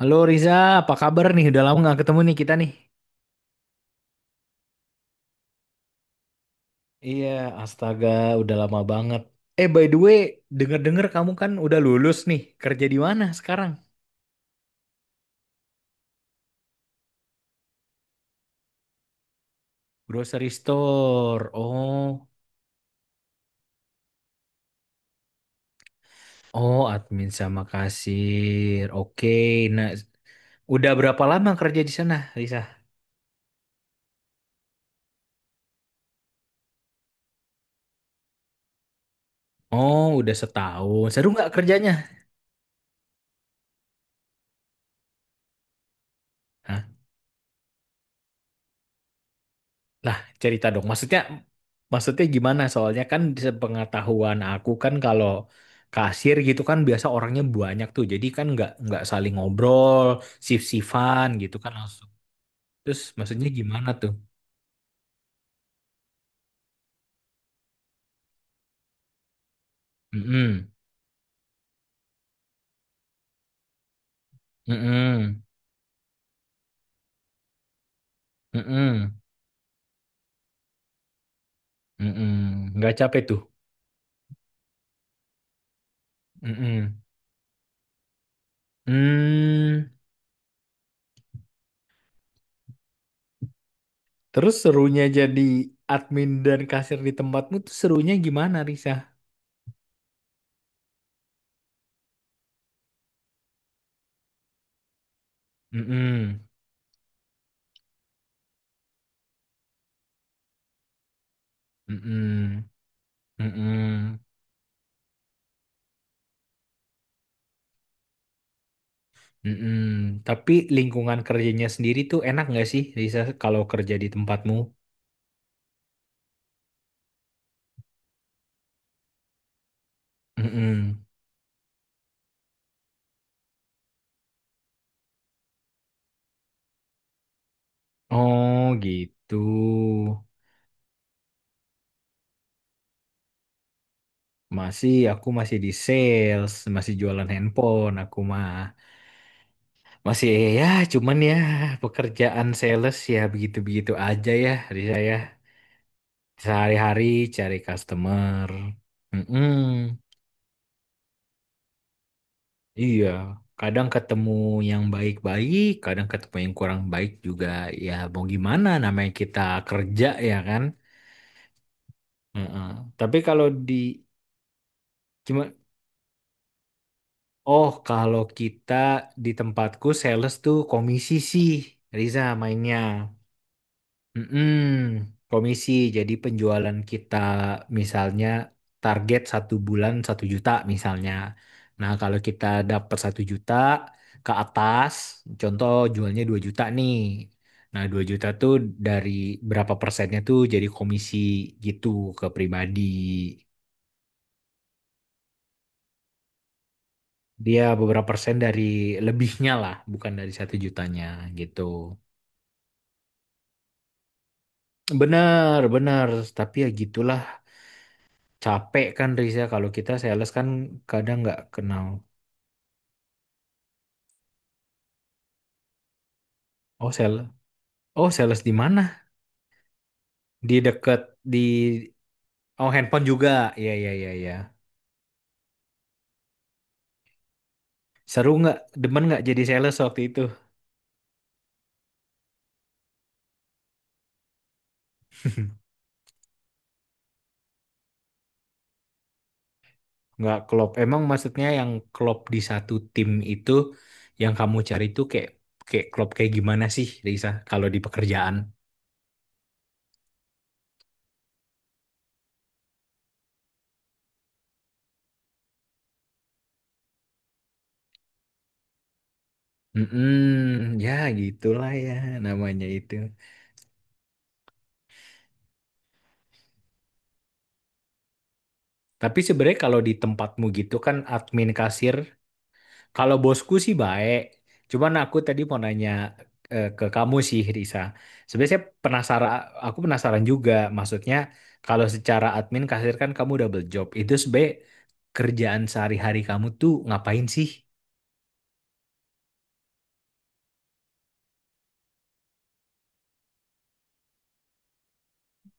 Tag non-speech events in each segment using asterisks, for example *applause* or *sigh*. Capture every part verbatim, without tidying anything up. Halo Riza, apa kabar nih? Udah lama nggak ketemu nih kita nih. Iya, astaga, udah lama banget. Eh, by the way, denger-denger kamu kan udah lulus nih. Kerja di mana sekarang? Grocery store. Oh, oh admin sama kasir. Oke, nah udah berapa lama kerja di sana, Riza? Oh, udah setahun. Seru nggak kerjanya? Nah, cerita dong. Maksudnya, maksudnya gimana? Soalnya kan sepengetahuan aku kan kalau kasir gitu kan biasa orangnya banyak tuh. Jadi kan nggak nggak saling ngobrol, sif-sifan gitu kan langsung. Terus maksudnya gimana tuh? Mm-mm. Mm-mm. Mm-mm. Mm-mm. Nggak capek tuh. Mm-mm. Hmm. Terus serunya jadi admin dan kasir di tempatmu tuh serunya gimana, Risa? Mm-mm. Mm-mm. Mm-mm. Mm-mm. Tapi lingkungan kerjanya sendiri tuh enak nggak sih, Lisa, kalau kerja di tempatmu? Mm-mm. Oh gitu. Masih, aku masih di sales, masih jualan handphone, aku mah masih ya, cuman ya pekerjaan sales ya begitu-begitu aja ya, Lisa ya. Sehari-hari cari customer. Mm-mm. Iya, kadang ketemu yang baik-baik, kadang ketemu yang kurang baik juga. Ya mau gimana namanya kita kerja ya kan? Heeh. Tapi kalau di cuma oh kalau kita di tempatku sales tuh komisi sih Riza mainnya. Mm-mm, komisi. Jadi penjualan kita misalnya target satu bulan satu juta misalnya. Nah kalau kita dapat satu juta ke atas, contoh jualnya dua juta nih. Nah dua juta tuh dari berapa persennya tuh jadi komisi gitu ke pribadi. Dia beberapa persen dari lebihnya lah, bukan dari satu jutanya gitu. Bener, bener. Tapi ya gitulah. Capek kan Riz ya kalau kita sales kan kadang nggak kenal. Oh sales, oh sales di mana? Di deket di oh handphone juga. Iya iya iya iya. Seru nggak? Demen nggak jadi sales waktu itu? Nggak klop. Emang maksudnya yang klop di satu tim itu yang kamu cari itu kayak kayak klop kayak gimana sih Risa kalau di pekerjaan? Mm ya gitulah ya namanya itu. Tapi sebenarnya kalau di tempatmu gitu kan admin kasir. Kalau bosku sih baik. Cuman aku tadi mau nanya eh, ke kamu sih, Risa. Sebenarnya saya penasaran, aku penasaran juga. Maksudnya kalau secara admin kasir kan kamu double job. Itu sebenarnya kerjaan sehari-hari kamu tuh ngapain sih?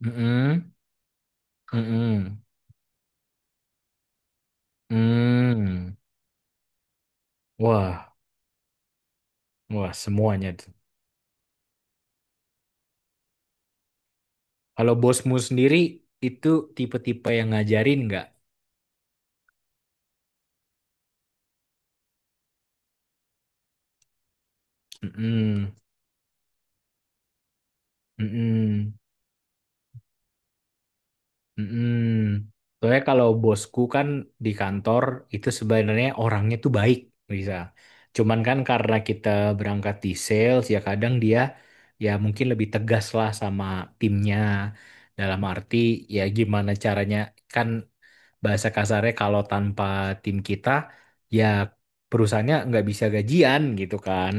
Mm-mm, mm-mm, mm. Wah, wah semuanya tuh. Kalau bosmu sendiri itu tipe-tipe yang ngajarin nggak? Mm-mm, mm-mm. Mm-mm. Soalnya kalau bosku kan di kantor itu sebenarnya orangnya tuh baik, bisa. Cuman kan karena kita berangkat di sales ya kadang dia ya mungkin lebih tegas lah sama timnya. Dalam arti ya gimana caranya kan bahasa kasarnya kalau tanpa tim kita ya perusahaannya nggak bisa gajian gitu kan.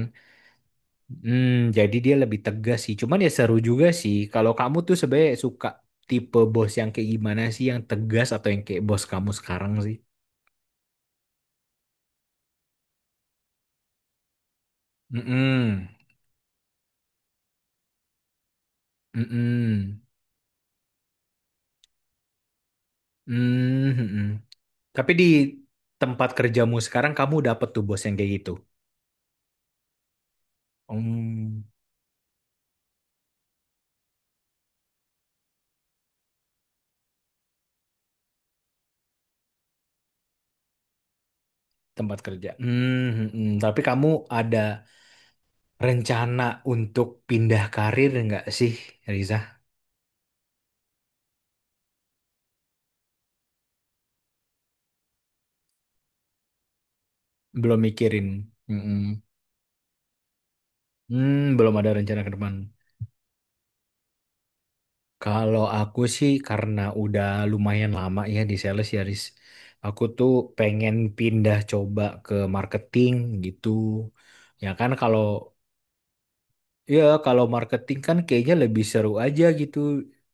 Hmm, jadi dia lebih tegas sih. Cuman ya seru juga sih. Kalau kamu tuh sebenarnya suka tipe bos yang kayak gimana sih? Yang tegas atau yang kayak bos kamu sekarang sih? Mm-mm. Mm-mm. Mm, mm-mm. Tapi di tempat kerjamu sekarang kamu dapet tuh bos yang kayak gitu. Hmm, tempat kerja. Hmm, hmm. Tapi kamu ada rencana untuk pindah karir nggak sih, Riza? Belum mikirin. Mm-mm. Hmm, Hmm, belum ada rencana ke depan. Kalau aku sih karena udah lumayan lama ya di sales ya, Riz. Aku tuh pengen pindah coba ke marketing gitu. Ya kan kalau ya, kalau marketing kan kayaknya lebih seru aja gitu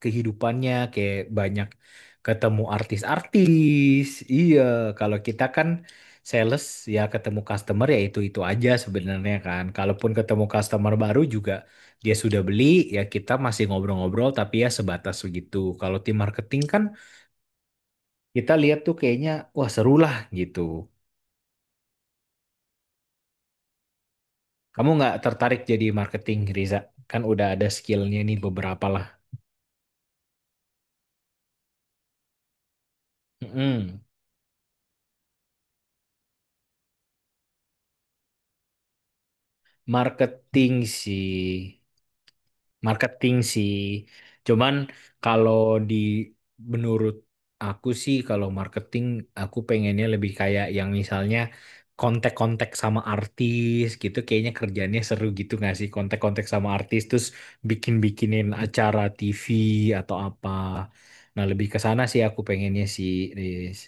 kehidupannya kayak banyak ketemu artis-artis. Iya, kalau kita kan sales ya ketemu customer ya itu-itu aja sebenarnya kan. Kalaupun ketemu customer baru juga dia sudah beli ya kita masih ngobrol-ngobrol tapi ya sebatas begitu. Kalau tim marketing kan kita lihat tuh kayaknya wah seru lah gitu. Kamu nggak tertarik jadi marketing Riza? Kan udah ada skillnya nih beberapa lah. Mm-mm. Marketing sih, marketing sih. Cuman kalau di menurut aku sih kalau marketing aku pengennya lebih kayak yang misalnya kontak-kontak sama artis gitu kayaknya kerjanya seru gitu nggak sih kontak-kontak sama artis terus bikin-bikinin acara T V atau apa. Nah, lebih ke sana sih aku pengennya sih, Riz.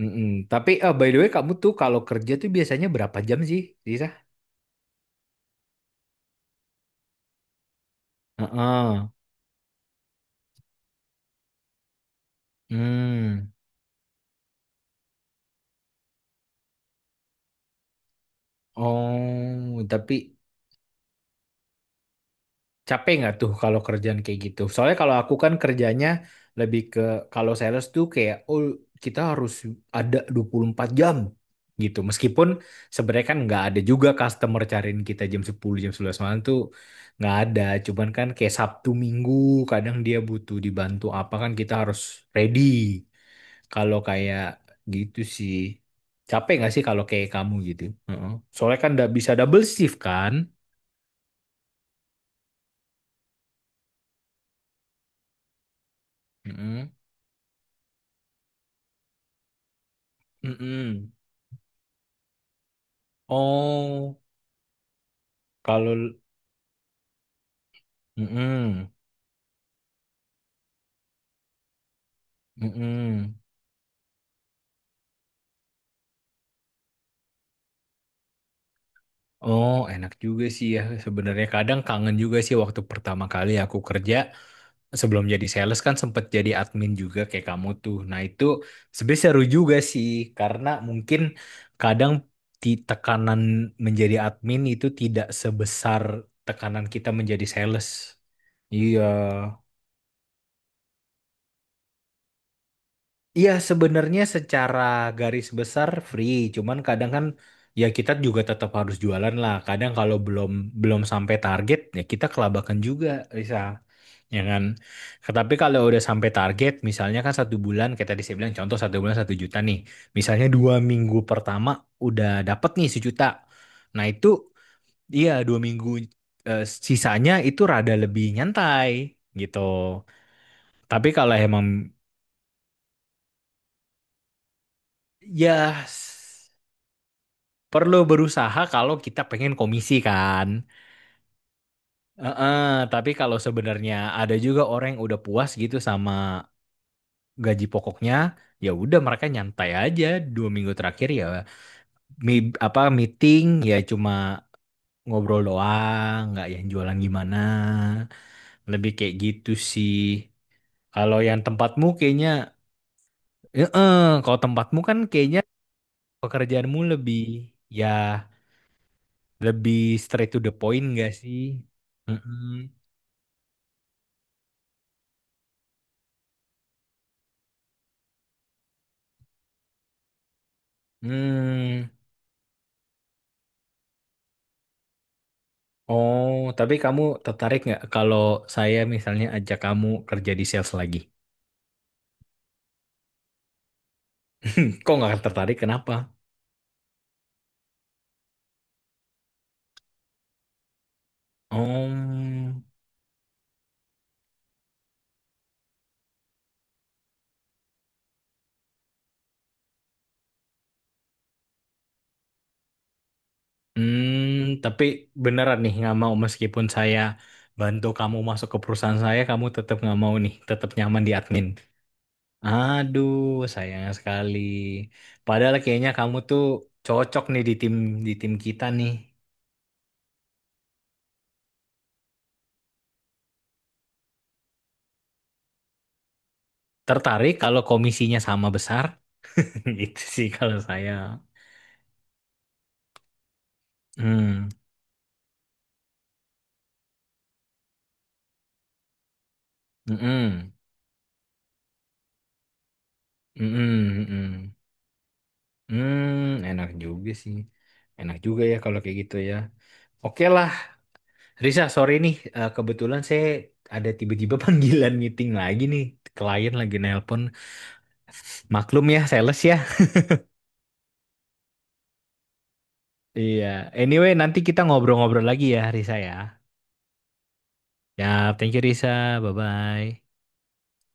Mm-mm. Tapi eh, by the way kamu tuh kalau kerja tuh biasanya berapa jam sih, Risa? Heeh. Hmm. Oh, tapi capek nggak tuh kalau kerjaan kayak gitu? Soalnya kalau aku kan kerjanya lebih ke kalau sales tuh kayak oh kita harus ada dua puluh empat jam gitu. Meskipun sebenarnya kan nggak ada juga customer cariin kita jam sepuluh, jam sebelas malam tuh nggak ada. Cuman kan kayak Sabtu Minggu kadang dia butuh dibantu apa kan kita harus ready. Kalau kayak gitu sih capek nggak sih kalau kayak kamu gitu? Heeh. Soalnya kan nggak bisa double shift kan? Mm-mm. Oh, kalau mm-mm. Mm-mm. Oh, enak juga sih ya. Sebenarnya kadang kangen juga sih waktu pertama kali aku kerja sebelum jadi sales kan sempet jadi admin juga kayak kamu tuh. Nah, itu sebenarnya seru juga sih karena mungkin kadang ti- tekanan menjadi admin itu tidak sebesar tekanan kita menjadi sales. Iya. Iya, sebenarnya secara garis besar free, cuman kadang kan ya kita juga tetap harus jualan lah. Kadang kalau belum belum sampai target ya kita kelabakan juga, Risa, ya kan. Tapi kalau udah sampai target, misalnya kan satu bulan, kayak tadi saya bilang contoh satu bulan satu juta nih, misalnya dua minggu pertama udah dapet nih sejuta. Nah itu, iya dua minggu eh, sisanya itu rada lebih nyantai gitu. Tapi kalau emang ya perlu berusaha kalau kita pengen komisi kan. Heeh, tapi kalau sebenarnya ada juga orang yang udah puas gitu sama gaji pokoknya, ya udah mereka nyantai aja dua minggu terakhir ya mi- apa meeting ya cuma ngobrol doang, nggak yang jualan gimana. Lebih kayak gitu sih. Kalau yang tempatmu kayaknya, heeh, kalau tempatmu kan kayaknya pekerjaanmu lebih ya lebih straight to the point gak sih? Heeh. Hmm. Oh, tapi kamu tertarik nggak kalau saya misalnya ajak kamu kerja di sales lagi? Kok nggak tertarik? Kenapa? Oh, hmm, tapi beneran nih nggak mau meskipun saya bantu kamu masuk ke perusahaan saya, kamu tetap nggak mau nih, tetap nyaman di admin. Aduh, sayang sekali. Padahal kayaknya kamu tuh cocok nih di tim di tim kita nih. Tertarik kalau komisinya sama besar? *laughs* Itu sih kalau saya. Hmm. Mm-mm. Mm-mm. Mm-mm. Hmm, enak juga sih. Enak juga ya kalau kayak gitu ya. Oke lah, Risa, sorry nih. Eh, kebetulan saya ada tiba-tiba *laughs* panggilan meeting lagi nih. Klien lagi nelpon. Maklum ya, sales ya. Iya. Anyway, nanti kita ngobrol-ngobrol lagi ya, Risa ya. Ya, thank you Risa. Bye-bye.